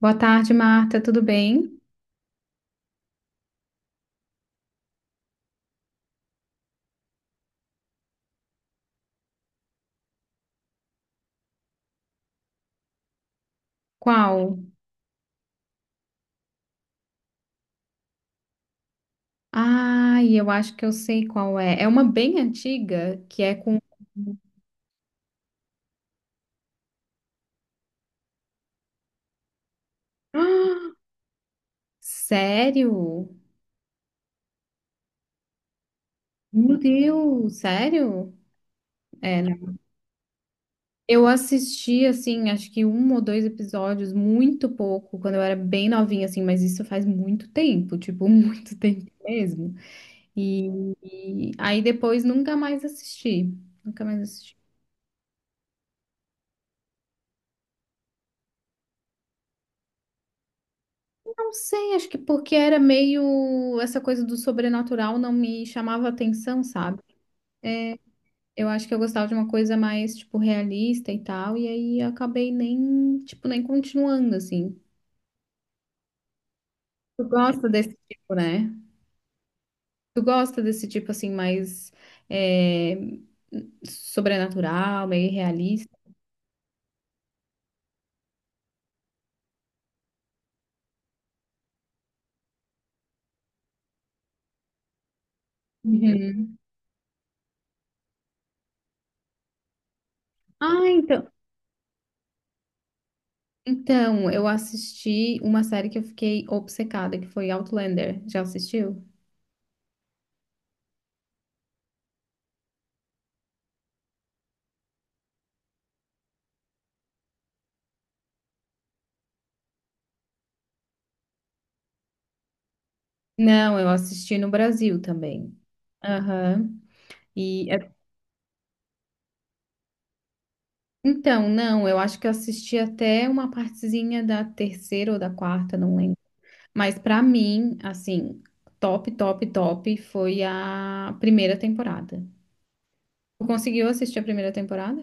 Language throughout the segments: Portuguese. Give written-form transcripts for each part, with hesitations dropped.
Boa tarde, Marta. Tudo bem? Qual? Ai, eu acho que eu sei qual é. É uma bem antiga que é com. Ah, sério? Meu Deus, sério? É, não. Eu assisti, assim, acho que um ou dois episódios, muito pouco, quando eu era bem novinha, assim, mas isso faz muito tempo, tipo, muito tempo mesmo. E, e aí depois nunca mais assisti. Nunca mais assisti. Não sei, acho que porque era meio essa coisa do sobrenatural não me chamava atenção, sabe? Eu acho que eu gostava de uma coisa mais, tipo, realista e tal, e aí eu acabei nem, tipo, nem continuando, assim. Tu gosta desse tipo, né? Tu gosta desse tipo, assim, mais é, sobrenatural, meio realista? Uhum. Ah, então. Então, eu assisti uma série que eu fiquei obcecada, que foi Outlander. Já assistiu? Não, eu assisti no Brasil também. Aham. E é- então, não, eu acho que eu assisti até uma partezinha da terceira ou da quarta, não lembro. Mas pra mim, assim, top, top, top foi a primeira temporada. Tu conseguiu assistir a primeira temporada?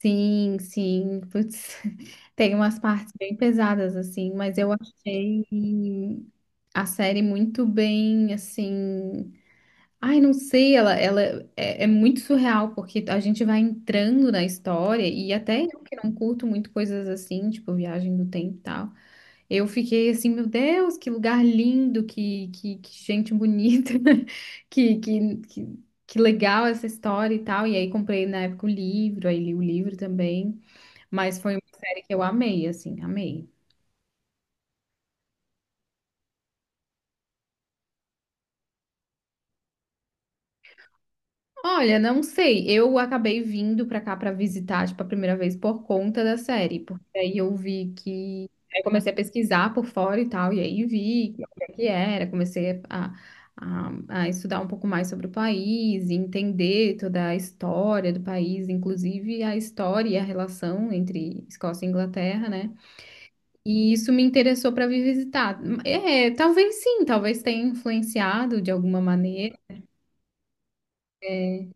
Sim, sim. Putz, tem umas partes bem pesadas assim, mas eu achei a série muito bem, assim. Ai, não sei, ela é, é muito surreal, porque a gente vai entrando na história, e até eu que não curto muito coisas assim, tipo viagem do tempo e tal, eu fiquei assim, meu Deus, que lugar lindo, que gente bonita, que legal essa história e tal. E aí comprei na época o livro, aí li o livro também, mas foi uma série que eu amei, assim, amei. Olha, não sei. Eu acabei vindo pra cá pra visitar, tipo, a primeira vez por conta da série, porque aí eu vi que aí comecei a pesquisar por fora e tal, e aí vi que o que era, comecei a, a, a estudar um pouco mais sobre o país, e entender toda a história do país, inclusive a história e a relação entre Escócia e Inglaterra, né? E isso me interessou pra vir visitar. É, talvez sim, talvez tenha influenciado de alguma maneira. É,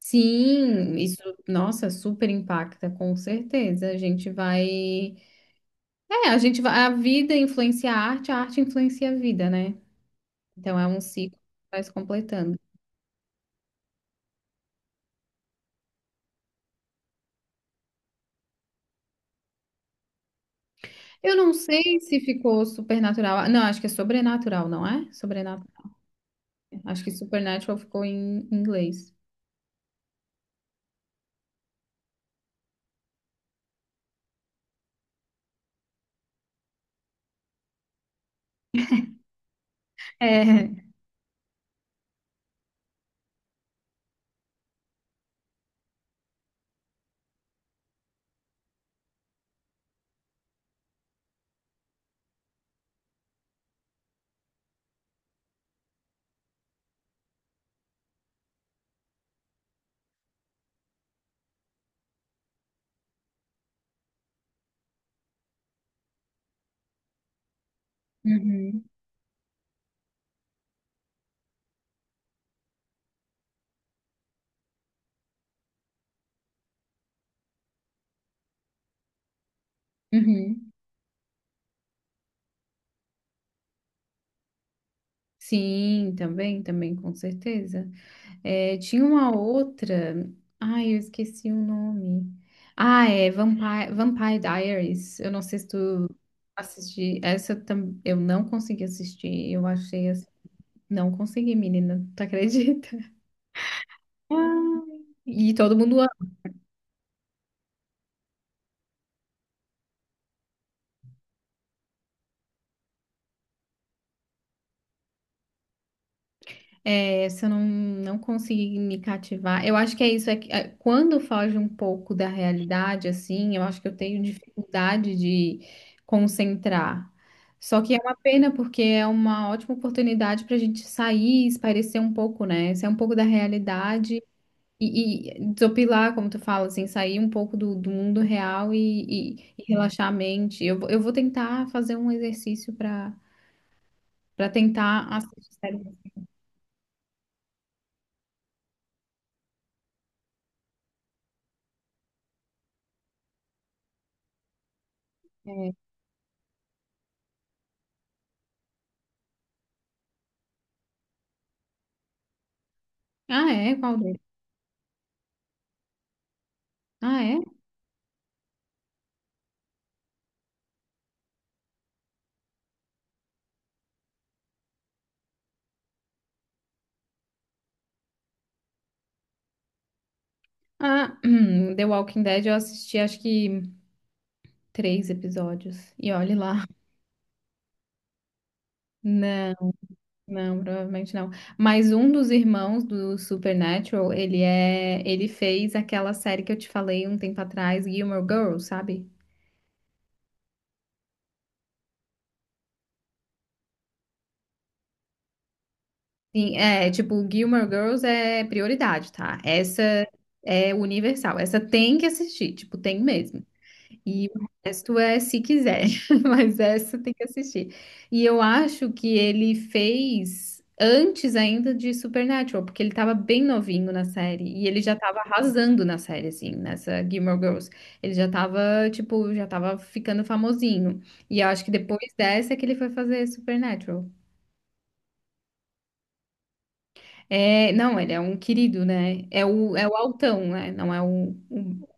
Sim, isso, nossa, super impacta, com certeza. A gente vai. É, a gente vai. A vida influencia a arte influencia a vida, né? Então é um ciclo que vai se completando. Eu não sei se ficou supernatural. Não, acho que é sobrenatural, não é? Sobrenatural. Acho que supernatural ficou em inglês. É. Uhum, uhum. Sim, também, também, com certeza. É, tinha uma outra. Ai, eu esqueci o nome. Ah, é Vampire Diaries. Eu não sei se tu assisti. Eu não consegui assistir. Eu achei assim. Não consegui, menina. Tu acredita? Ah, e todo mundo é, se eu não conseguir me cativar, eu acho que é isso, é que é, quando foge um pouco da realidade, assim, eu acho que eu tenho dificuldade de concentrar. Só que é uma pena, porque é uma ótima oportunidade para a gente sair, espairecer um pouco, né? Sair um pouco da realidade e desopilar, como tu fala, assim, sair um pouco do mundo real e, e relaxar a mente. Eu vou tentar fazer um exercício para para tentar assistir séries. É. Ah, é? Qual deles? Ah, é? Ah, The Walking Dead eu assisti acho que três episódios. E olhe lá. Não, não, provavelmente não. Mas um dos irmãos do Supernatural, ele é, ele fez aquela série que eu te falei um tempo atrás, Gilmore Girls, sabe? Sim, é, tipo, Gilmore Girls é prioridade, tá? Essa é universal. Essa tem que assistir, tipo, tem mesmo. E o resto é se quiser, mas essa tem que assistir. E eu acho que ele fez antes ainda de Supernatural, porque ele tava bem novinho na série e ele já tava arrasando na série, assim, nessa Gilmore Girls. Ele já tava, tipo, já tava ficando famosinho. E eu acho que depois dessa é que ele foi fazer Supernatural. É, não, ele é um querido, né? É o altão, né? Não é o-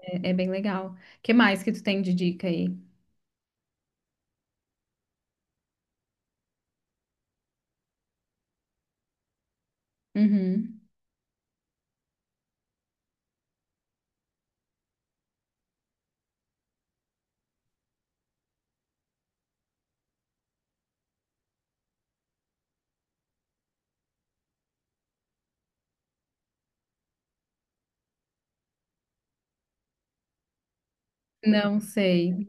é, é bem legal. O que mais que tu tem de dica aí? Uhum. Não sei.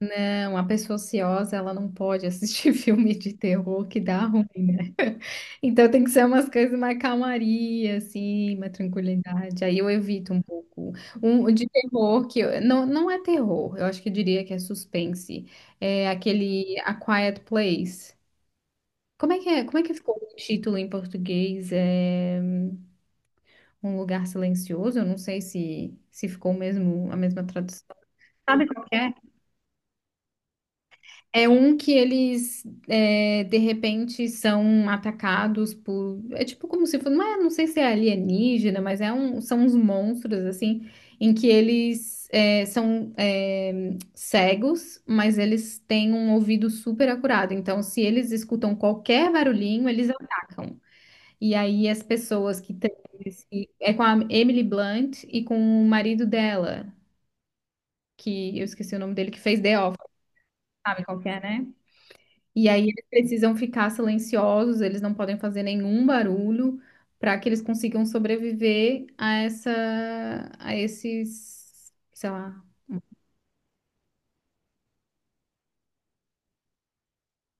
Não, a pessoa ociosa, ela não pode assistir filme de terror que dá ruim, né? Então tem que ser umas coisas mais calmaria, assim, uma tranquilidade. Aí eu evito um pouco. Um de terror que não, não é terror, eu acho que eu diria que é suspense. É aquele A Quiet Place. Como é que é? Como é que ficou o título em português? É Um Lugar Silencioso? Eu não sei se ficou o mesmo a mesma tradução. Sabe qual que é? É um que eles, é, de repente, são atacados por. É tipo como se fosse. Não é, não sei se é alienígena, mas é um, são uns monstros, assim, em que eles é, são é, cegos, mas eles têm um ouvido super acurado. Então, se eles escutam qualquer barulhinho, eles atacam. E aí, as pessoas que têm. É com a Emily Blunt e com o marido dela, que eu esqueci o nome dele, que fez The Office, sabe qual que é, né? E aí eles precisam ficar silenciosos, eles não podem fazer nenhum barulho para que eles consigam sobreviver a essa, a esses, sei lá.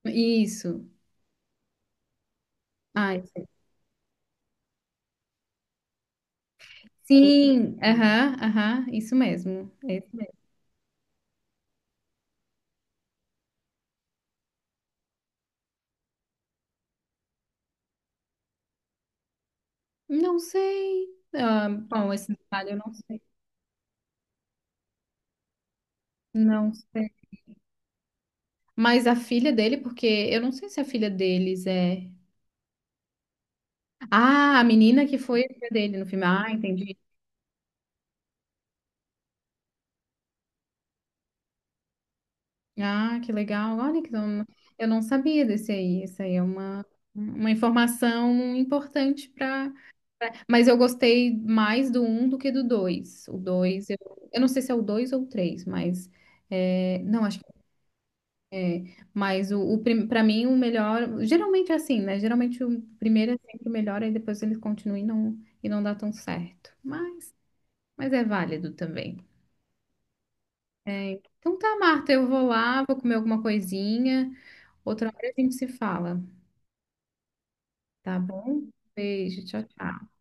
Isso. Ah, isso. Sim, aham, aham, isso mesmo. É isso mesmo. Não sei. Ah, bom, esse detalhe eu não sei. Não sei. Mas a filha dele, porque eu não sei se a filha deles é. Ah, a menina que foi a filha dele no filme. Ah, entendi. Ah, que legal. Olha que eu não sabia desse aí. Isso aí é uma informação importante para. Mas eu gostei mais do um do que do 2. O 2 eu não sei se é o 2 ou o 3, mas. É, não, acho que. Mas o para mim, o melhor. Geralmente é assim, né? Geralmente o primeiro é sempre o melhor, e depois eles continuam e não dá tão certo. Mas é válido também. Então tá, Marta, eu vou lá, vou comer alguma coisinha. Outra hora a gente se fala. Tá bom? Beijo, tchau, tchau.